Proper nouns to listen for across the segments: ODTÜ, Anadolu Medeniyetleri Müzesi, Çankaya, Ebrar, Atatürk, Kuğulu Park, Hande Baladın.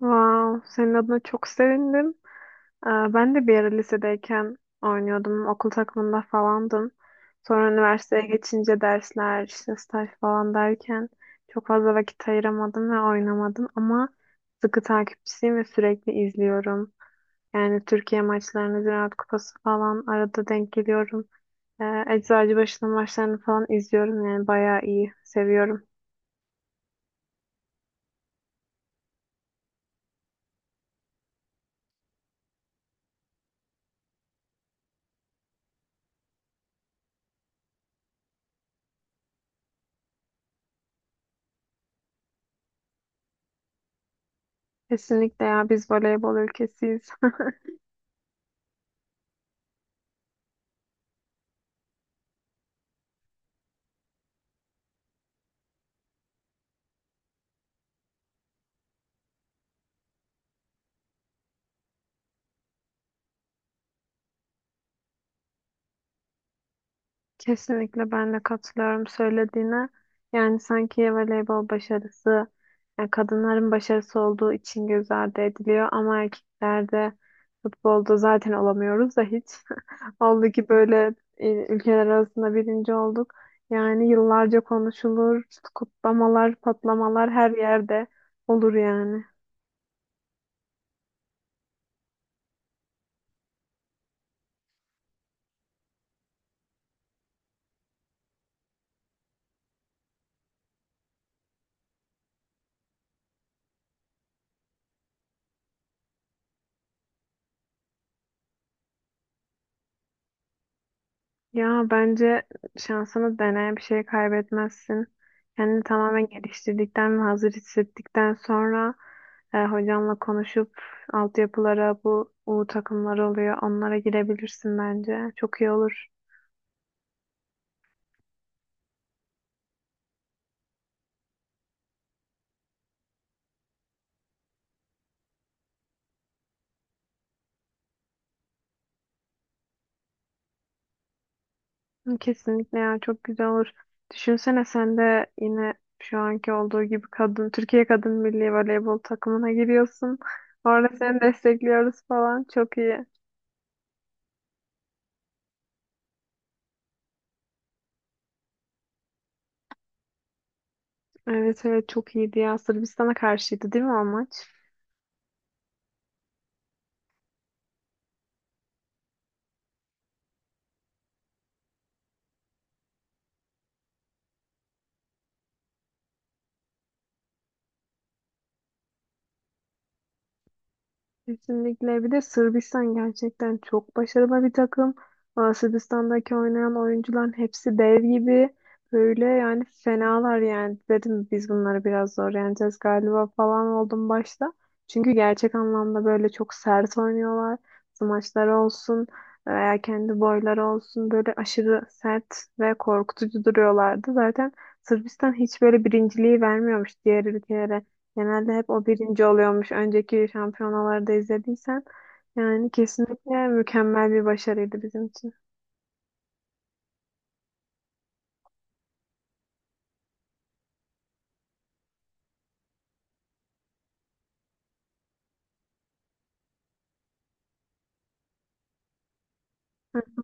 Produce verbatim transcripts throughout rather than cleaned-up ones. Wow, senin adına çok sevindim. Ee, Ben de bir ara lisedeyken oynuyordum. Okul takımında falandım. Sonra üniversiteye geçince dersler, işte staj falan derken çok fazla vakit ayıramadım ve oynamadım. Ama sıkı takipçisiyim ve sürekli izliyorum. Yani Türkiye maçlarını, Ziraat Kupası falan arada denk geliyorum. Ee, Eczacıbaşı'nın maçlarını falan izliyorum. Yani bayağı iyi, seviyorum. Kesinlikle ya biz voleybol ülkesiyiz. Kesinlikle ben de katılıyorum söylediğine. Yani sanki voleybol başarısı yani kadınların başarısı olduğu için göz ardı ediliyor ama erkeklerde futbolda zaten olamıyoruz da hiç. Oldu ki böyle e, ülkeler arasında birinci olduk. Yani yıllarca konuşulur, kutlamalar, patlamalar her yerde olur yani. Ya bence şansını dene, bir şey kaybetmezsin. Kendini tamamen geliştirdikten ve hazır hissettikten sonra e, hocamla konuşup altyapılara bu U takımları oluyor. Onlara girebilirsin bence. Çok iyi olur. Kesinlikle ya çok güzel olur. Düşünsene sen de yine şu anki olduğu gibi kadın Türkiye Kadın Milli Voleybol takımına giriyorsun. Orada seni destekliyoruz falan. Çok iyi. Evet evet çok iyiydi ya. Sırbistan'a karşıydı değil mi o maç? Kesinlikle. Bir de Sırbistan gerçekten çok başarılı bir takım. Aa, Sırbistan'daki oynayan oyuncuların hepsi dev gibi. Böyle yani fenalar yani. Dedim biz bunları biraz zor yeneceğiz galiba falan oldum başta. Çünkü gerçek anlamda böyle çok sert oynuyorlar. Smaçlar olsun veya kendi boyları olsun böyle aşırı sert ve korkutucu duruyorlardı. Zaten Sırbistan hiç böyle birinciliği vermiyormuş diğer ülkelere. Genelde hep o birinci oluyormuş. Önceki şampiyonalarda izlediysen yani kesinlikle mükemmel bir başarıydı bizim için. Hı hı.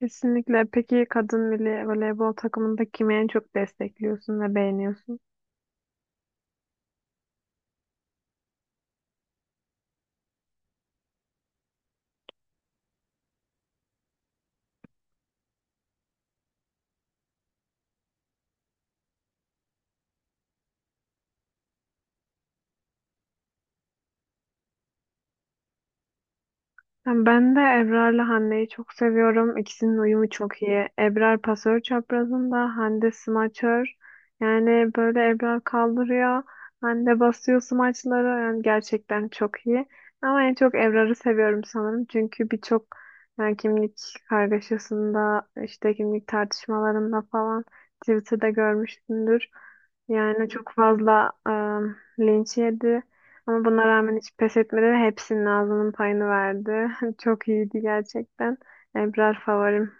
Kesinlikle. Peki kadın milli voleybol takımında kimi en çok destekliyorsun ve beğeniyorsun? Yani Ben de Ebrar'la Hande'yi çok seviyorum. İkisinin uyumu çok iyi. Ebrar pasör çaprazında, Hande smaçör. Yani böyle Ebrar kaldırıyor, Hande basıyor smaçları. Yani gerçekten çok iyi. Ama en çok Ebrar'ı seviyorum sanırım. Çünkü birçok yani kimlik kargaşasında, işte kimlik tartışmalarında falan Twitter'da görmüşsündür. Yani çok fazla ıı, linç yedi. Ama buna rağmen hiç pes etmedi ve hepsinin ağzının payını verdi. Çok iyiydi gerçekten. Ebrar favorim.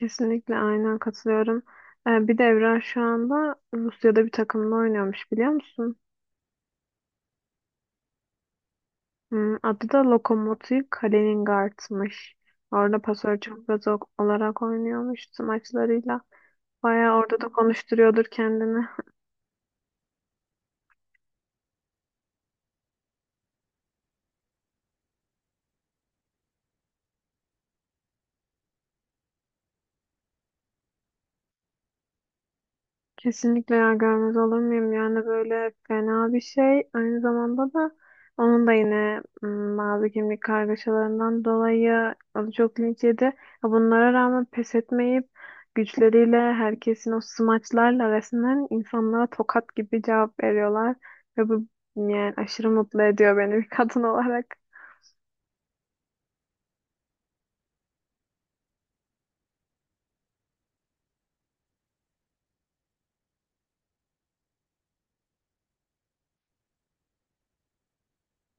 Kesinlikle aynen katılıyorum. Ee, bir de Ebrar şu anda Rusya'da bir takımla oynuyormuş biliyor musun? Hmm, adı da Lokomotiv Kaliningrad'mış. Orada pasör çok olarak oynuyormuş tüm maçlarıyla. Bayağı orada da konuşturuyordur kendini. Kesinlikle ya görmez olur muyum? Yani böyle fena bir şey. Aynı zamanda da onun da yine ım, bazı kimlik kargaşalarından dolayı o da çok linç yedi. Ya Bunlara rağmen pes etmeyip güçleriyle herkesin o smaçlarla resmen insanlara tokat gibi cevap veriyorlar. Ve bu yani aşırı mutlu ediyor beni bir kadın olarak.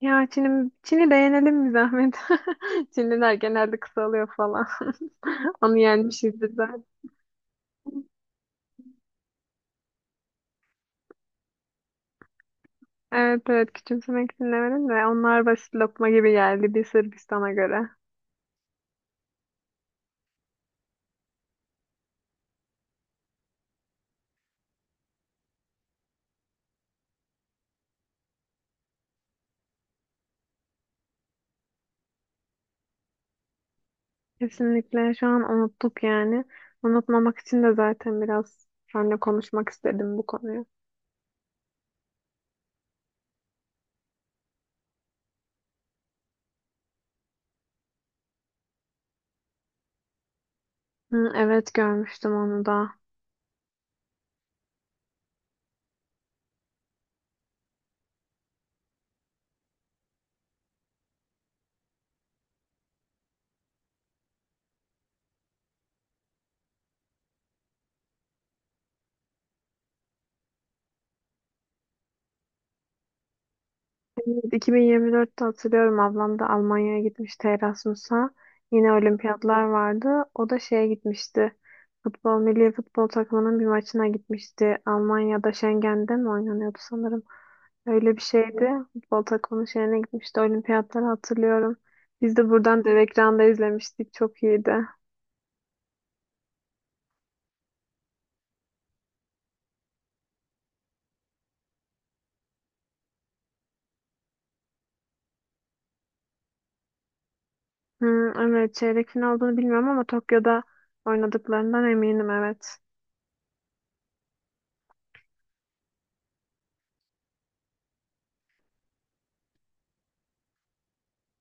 Ya Çin'i Çin'i de yenelim bir zahmet. Çinliler genelde kısalıyor falan. Onu yenmişizdir Evet evet küçümsemek dinlemedim de onlar basit lokma gibi geldi bir Sırbistan'a göre. Kesinlikle şu an unuttuk yani. Unutmamak için de zaten biraz seninle konuşmak istedim bu konuyu. Hı, evet görmüştüm onu da. Evet, iki bin yirmi dörtte hatırlıyorum ablam da Almanya'ya gitmişti Erasmus'a. Yine olimpiyatlar vardı. O da şeye gitmişti. Futbol, milli futbol takımının bir maçına gitmişti. Almanya'da Schengen'de mi oynanıyordu sanırım. Öyle bir şeydi. Futbol takımının şeyine gitmişti. Olimpiyatları hatırlıyorum. Biz de buradan dev ekranda izlemiştik. Çok iyiydi. Hmm, evet çeyrek final olduğunu bilmiyorum ama Tokyo'da oynadıklarından eminim evet.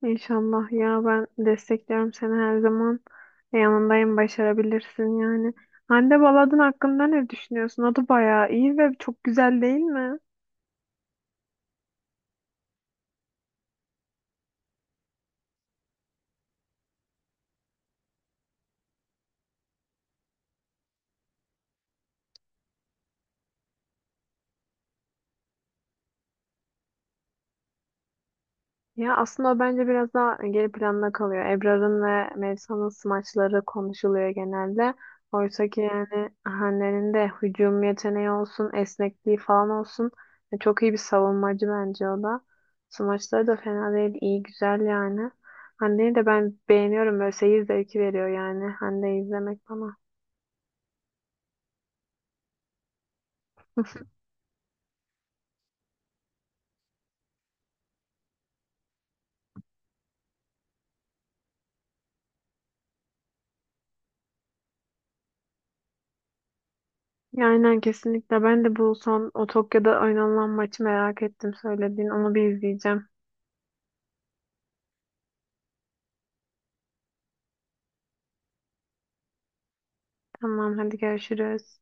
İnşallah ya ben destekliyorum seni her zaman. E, Yanındayım başarabilirsin yani. Hande Baladın hakkında ne düşünüyorsun? O da bayağı iyi ve çok güzel değil mi? Ya aslında o bence biraz daha geri planda kalıyor. Ebrar'ın ve Melisa'nın smaçları konuşuluyor genelde. Oysa ki yani Hande'nin de hücum yeteneği olsun, esnekliği falan olsun. E, Çok iyi bir savunmacı bence o da. Smaçları da fena değil, iyi güzel yani. Hande'yi de ben beğeniyorum. Böyle seyir zevki veriyor yani Hande'yi izlemek bana. Ya Aynen kesinlikle. Ben de bu son o Tokyo'da oynanılan maçı merak ettim söylediğin. Onu bir izleyeceğim. Tamam hadi görüşürüz.